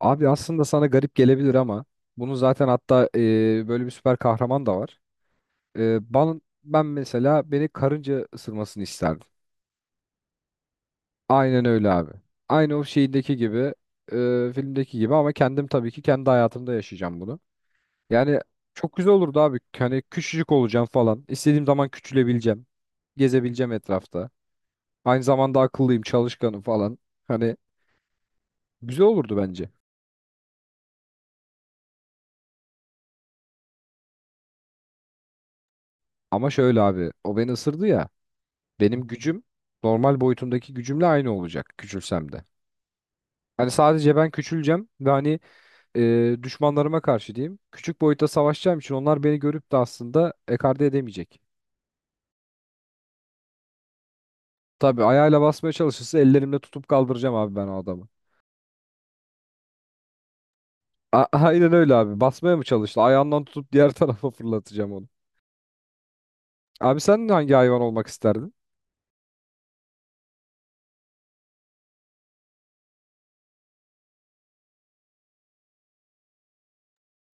Abi aslında sana garip gelebilir ama bunu zaten hatta böyle bir süper kahraman da var. Ben mesela beni karınca ısırmasını isterdim. Aynen öyle abi. Aynı o şeydeki gibi, filmdeki gibi ama kendim tabii ki kendi hayatımda yaşayacağım bunu. Yani çok güzel olurdu abi. Hani küçücük olacağım falan. İstediğim zaman küçülebileceğim. Gezebileceğim etrafta. Aynı zamanda akıllıyım, çalışkanım falan. Hani güzel olurdu bence. Ama şöyle abi, o beni ısırdı ya. Benim gücüm normal boyutumdaki gücümle aynı olacak küçülsem de. Hani sadece ben küçüleceğim ve hani düşmanlarıma karşı diyeyim. Küçük boyutta savaşacağım için onlar beni görüp de aslında ekarte edemeyecek. Tabii ayağıyla basmaya çalışırsa ellerimle tutup kaldıracağım abi ben o adamı. Aynen öyle abi. Basmaya mı çalıştı? Ayağından tutup diğer tarafa fırlatacağım onu. Abi sen hangi hayvan olmak isterdin?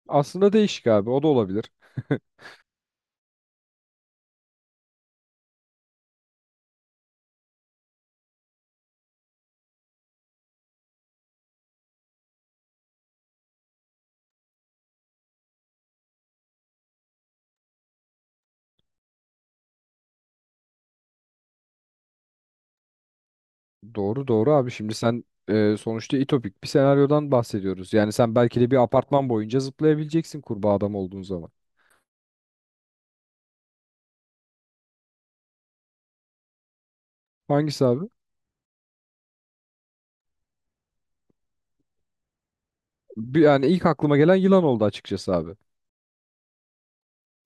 Aslında değişik abi. O da olabilir. Doğru doğru abi, şimdi sen sonuçta itopik bir senaryodan bahsediyoruz. Yani sen belki de bir apartman boyunca zıplayabileceksin kurbağa adam olduğun zaman. Hangisi abi? Bir, yani ilk aklıma gelen yılan oldu açıkçası abi.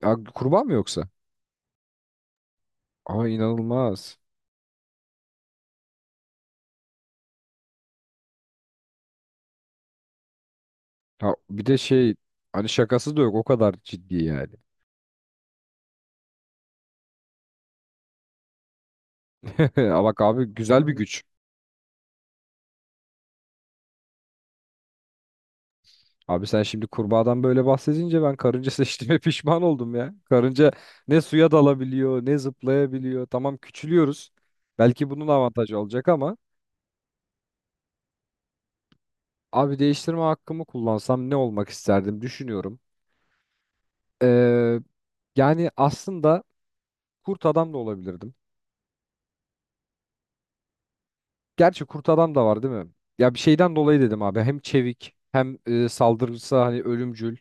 Ya, kurbağa mı yoksa? Aa, inanılmaz. Ha, bir de şey, hani şakası da yok, o kadar ciddi yani. Ama bak abi, güzel bir güç. Abi sen şimdi kurbağadan böyle bahsedince ben karınca seçtiğime pişman oldum ya. Karınca ne suya dalabiliyor ne zıplayabiliyor. Tamam küçülüyoruz. Belki bunun avantajı olacak ama abi değiştirme hakkımı kullansam ne olmak isterdim düşünüyorum. Ee, Yani aslında kurt adam da olabilirdim. Gerçi kurt adam da var değil mi? Ya bir şeyden dolayı dedim abi. Hem çevik hem saldırısı hani ölümcül.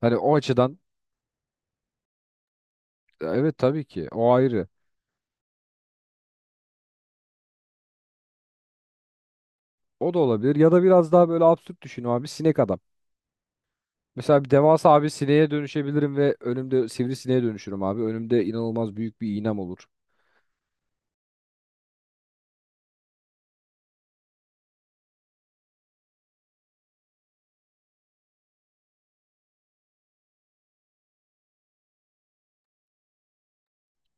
Hani o açıdan evet, tabii ki o ayrı. O da olabilir. Ya da biraz daha böyle absürt düşün abi, sinek adam. Mesela bir devasa abi sineğe dönüşebilirim ve önümde sivrisineğe dönüşürüm abi. Önümde inanılmaz büyük bir iğnem olur.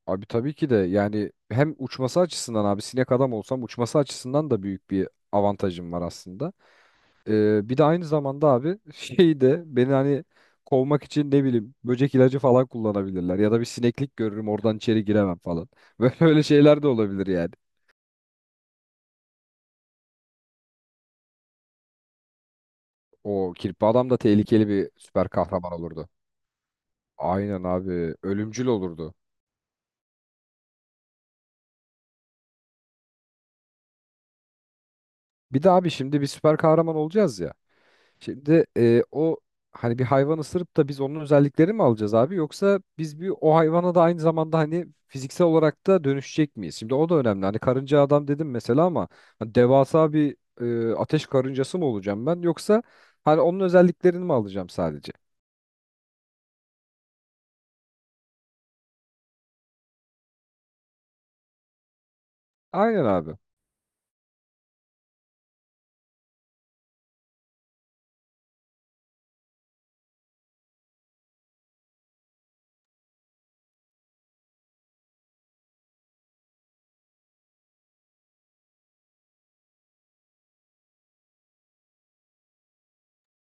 Abi tabii ki de yani hem uçması açısından abi sinek adam olsam uçması açısından da büyük bir avantajım var aslında. Bir de aynı zamanda abi şeyi de beni hani kovmak için ne bileyim böcek ilacı falan kullanabilirler ya da bir sineklik görürüm oradan içeri giremem falan. Böyle öyle şeyler de olabilir yani. O kirpi adam da tehlikeli bir süper kahraman olurdu. Aynen abi, ölümcül olurdu. Bir de abi şimdi bir süper kahraman olacağız ya. Şimdi o hani bir hayvan ısırıp da biz onun özelliklerini mi alacağız abi, yoksa biz bir o hayvana da aynı zamanda hani fiziksel olarak da dönüşecek miyiz? Şimdi o da önemli. Hani karınca adam dedim mesela ama hani devasa bir ateş karıncası mı olacağım ben, yoksa hani onun özelliklerini mi alacağım sadece? Aynen abi.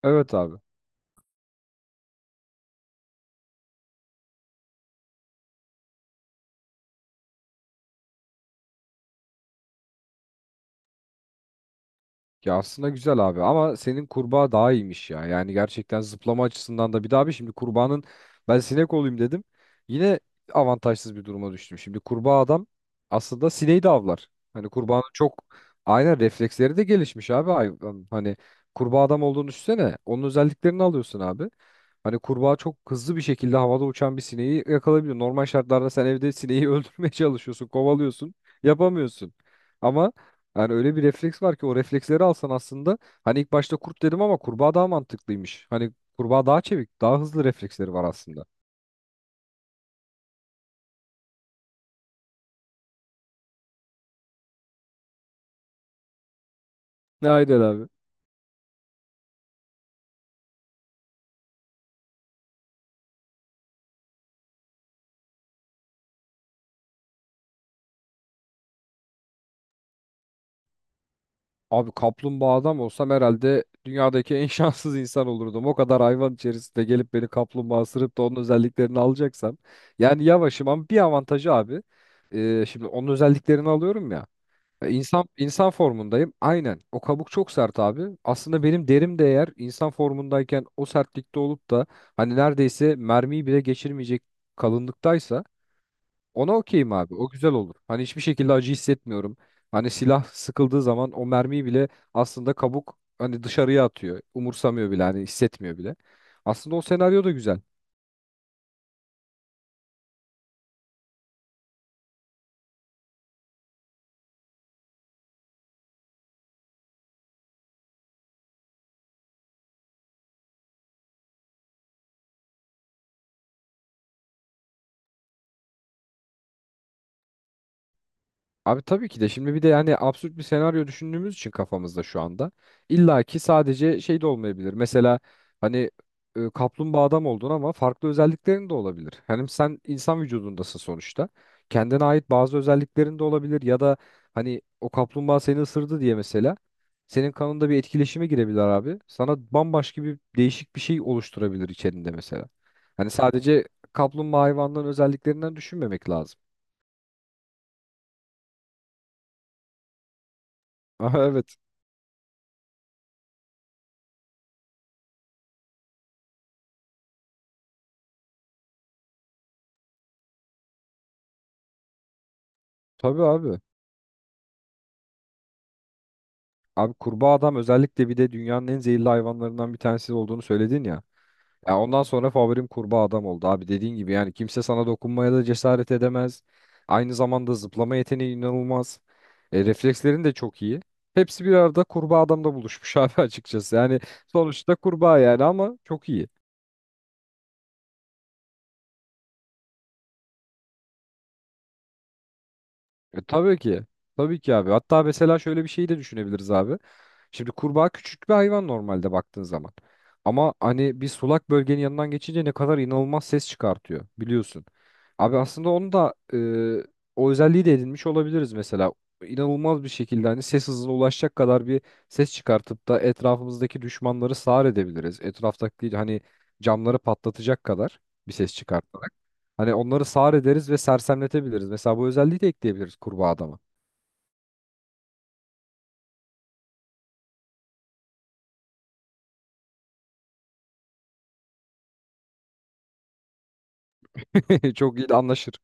Evet abi. Ya aslında güzel abi ama senin kurbağa daha iyiymiş ya. Yani gerçekten zıplama açısından da bir daha bir şimdi kurbağanın ben sinek olayım dedim. Yine avantajsız bir duruma düştüm. Şimdi kurbağa adam aslında sineği de avlar. Hani kurbağanın çok aynen refleksleri de gelişmiş abi hayvan. Hani kurbağa adam olduğunu düşünsene. Onun özelliklerini alıyorsun abi. Hani kurbağa çok hızlı bir şekilde havada uçan bir sineği yakalayabiliyor. Normal şartlarda sen evde sineği öldürmeye çalışıyorsun, kovalıyorsun, yapamıyorsun. Ama yani öyle bir refleks var ki o refleksleri alsan aslında hani ilk başta kurt dedim ama kurbağa daha mantıklıymış. Hani kurbağa daha çevik, daha hızlı refleksleri var aslında. Ne? Aynen abi. Abi kaplumbağa adam olsam herhalde dünyadaki en şanssız insan olurdum. O kadar hayvan içerisinde gelip beni kaplumbağa ısırıp da onun özelliklerini alacaksam. Yani yavaşım ama bir avantajı abi. Şimdi onun özelliklerini alıyorum ya. İnsan formundayım. Aynen. O kabuk çok sert abi. Aslında benim derim de eğer insan formundayken o sertlikte olup da hani neredeyse mermiyi bile geçirmeyecek kalınlıktaysa ona okeyim abi. O güzel olur. Hani hiçbir şekilde acı hissetmiyorum. Hani silah sıkıldığı zaman o mermiyi bile aslında kabuk hani dışarıya atıyor. Umursamıyor bile, hani hissetmiyor bile. Aslında o senaryo da güzel. Abi tabii ki de şimdi bir de yani absürt bir senaryo düşündüğümüz için kafamızda şu anda illa ki sadece şey de olmayabilir. Mesela hani kaplumbağa adam oldun ama farklı özelliklerin de olabilir. Hani sen insan vücudundasın sonuçta. Kendine ait bazı özelliklerin de olabilir ya da hani o kaplumbağa seni ısırdı diye mesela senin kanında bir etkileşime girebilir abi. Sana bambaşka bir değişik bir şey oluşturabilir içerinde mesela. Hani sadece kaplumbağa hayvanların özelliklerinden düşünmemek lazım. Evet. Tabii abi. Abi kurbağa adam özellikle bir de dünyanın en zehirli hayvanlarından bir tanesi olduğunu söyledin ya. Ya ondan sonra favorim kurbağa adam oldu abi, dediğin gibi yani kimse sana dokunmaya da cesaret edemez. Aynı zamanda zıplama yeteneği inanılmaz. E, reflekslerin de çok iyi. Hepsi bir arada kurbağa adamda buluşmuş abi açıkçası. Yani sonuçta kurbağa yani ama çok iyi. E, tabii ki. Tabii ki abi. Hatta mesela şöyle bir şey de düşünebiliriz abi. Şimdi kurbağa küçük bir hayvan normalde baktığın zaman. Ama hani bir sulak bölgenin yanından geçince ne kadar inanılmaz ses çıkartıyor biliyorsun. Abi aslında onu da o özelliği de edinmiş olabiliriz mesela. İnanılmaz bir şekilde hani ses hızına ulaşacak kadar bir ses çıkartıp da etrafımızdaki düşmanları sağır edebiliriz. Etraftaki hani camları patlatacak kadar bir ses çıkart. Hani onları sağır ederiz ve sersemletebiliriz. Mesela bu özelliği de ekleyebiliriz kurbağa adama. Çok iyi de anlaşır.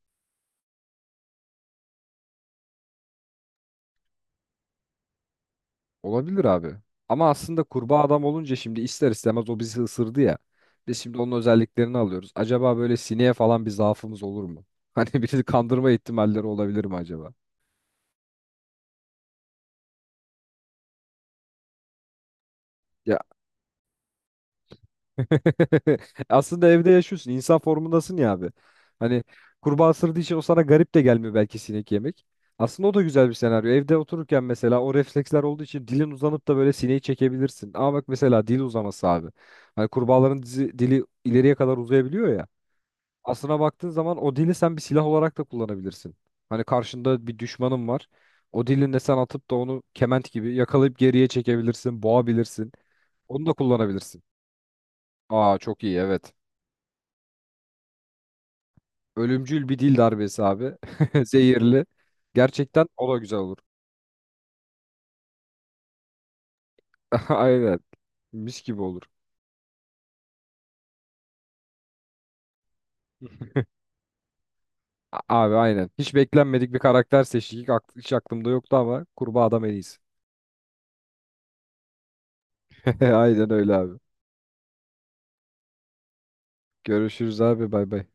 Olabilir abi. Ama aslında kurbağa adam olunca şimdi ister istemez o bizi ısırdı ya. Biz şimdi onun özelliklerini alıyoruz. Acaba böyle sineğe falan bir zaafımız olur mu? Hani bizi kandırma ihtimalleri olabilir mi acaba? Ya aslında evde yaşıyorsun. İnsan formundasın ya abi. Hani kurbağa ısırdığı için o sana garip de gelmiyor belki sinek yemek. Aslında o da güzel bir senaryo. Evde otururken mesela o refleksler olduğu için dilin uzanıp da böyle sineği çekebilirsin. Ama bak mesela dil uzaması abi. Hani kurbağaların dizi, dili ileriye kadar uzayabiliyor ya. Aslına baktığın zaman o dili sen bir silah olarak da kullanabilirsin. Hani karşında bir düşmanın var. O dilinle sen atıp da onu kement gibi yakalayıp geriye çekebilirsin, boğabilirsin. Onu da kullanabilirsin. Aa, çok iyi, evet. Ölümcül bir dil darbesi abi. Zehirli. Gerçekten o da güzel olur. Aynen. Mis gibi olur. Abi aynen. Hiç beklenmedik bir karakter seçtik. Hiç aklımda yoktu ama kurbağa adam en iyisi. Aynen öyle abi. Görüşürüz abi. Bay bay.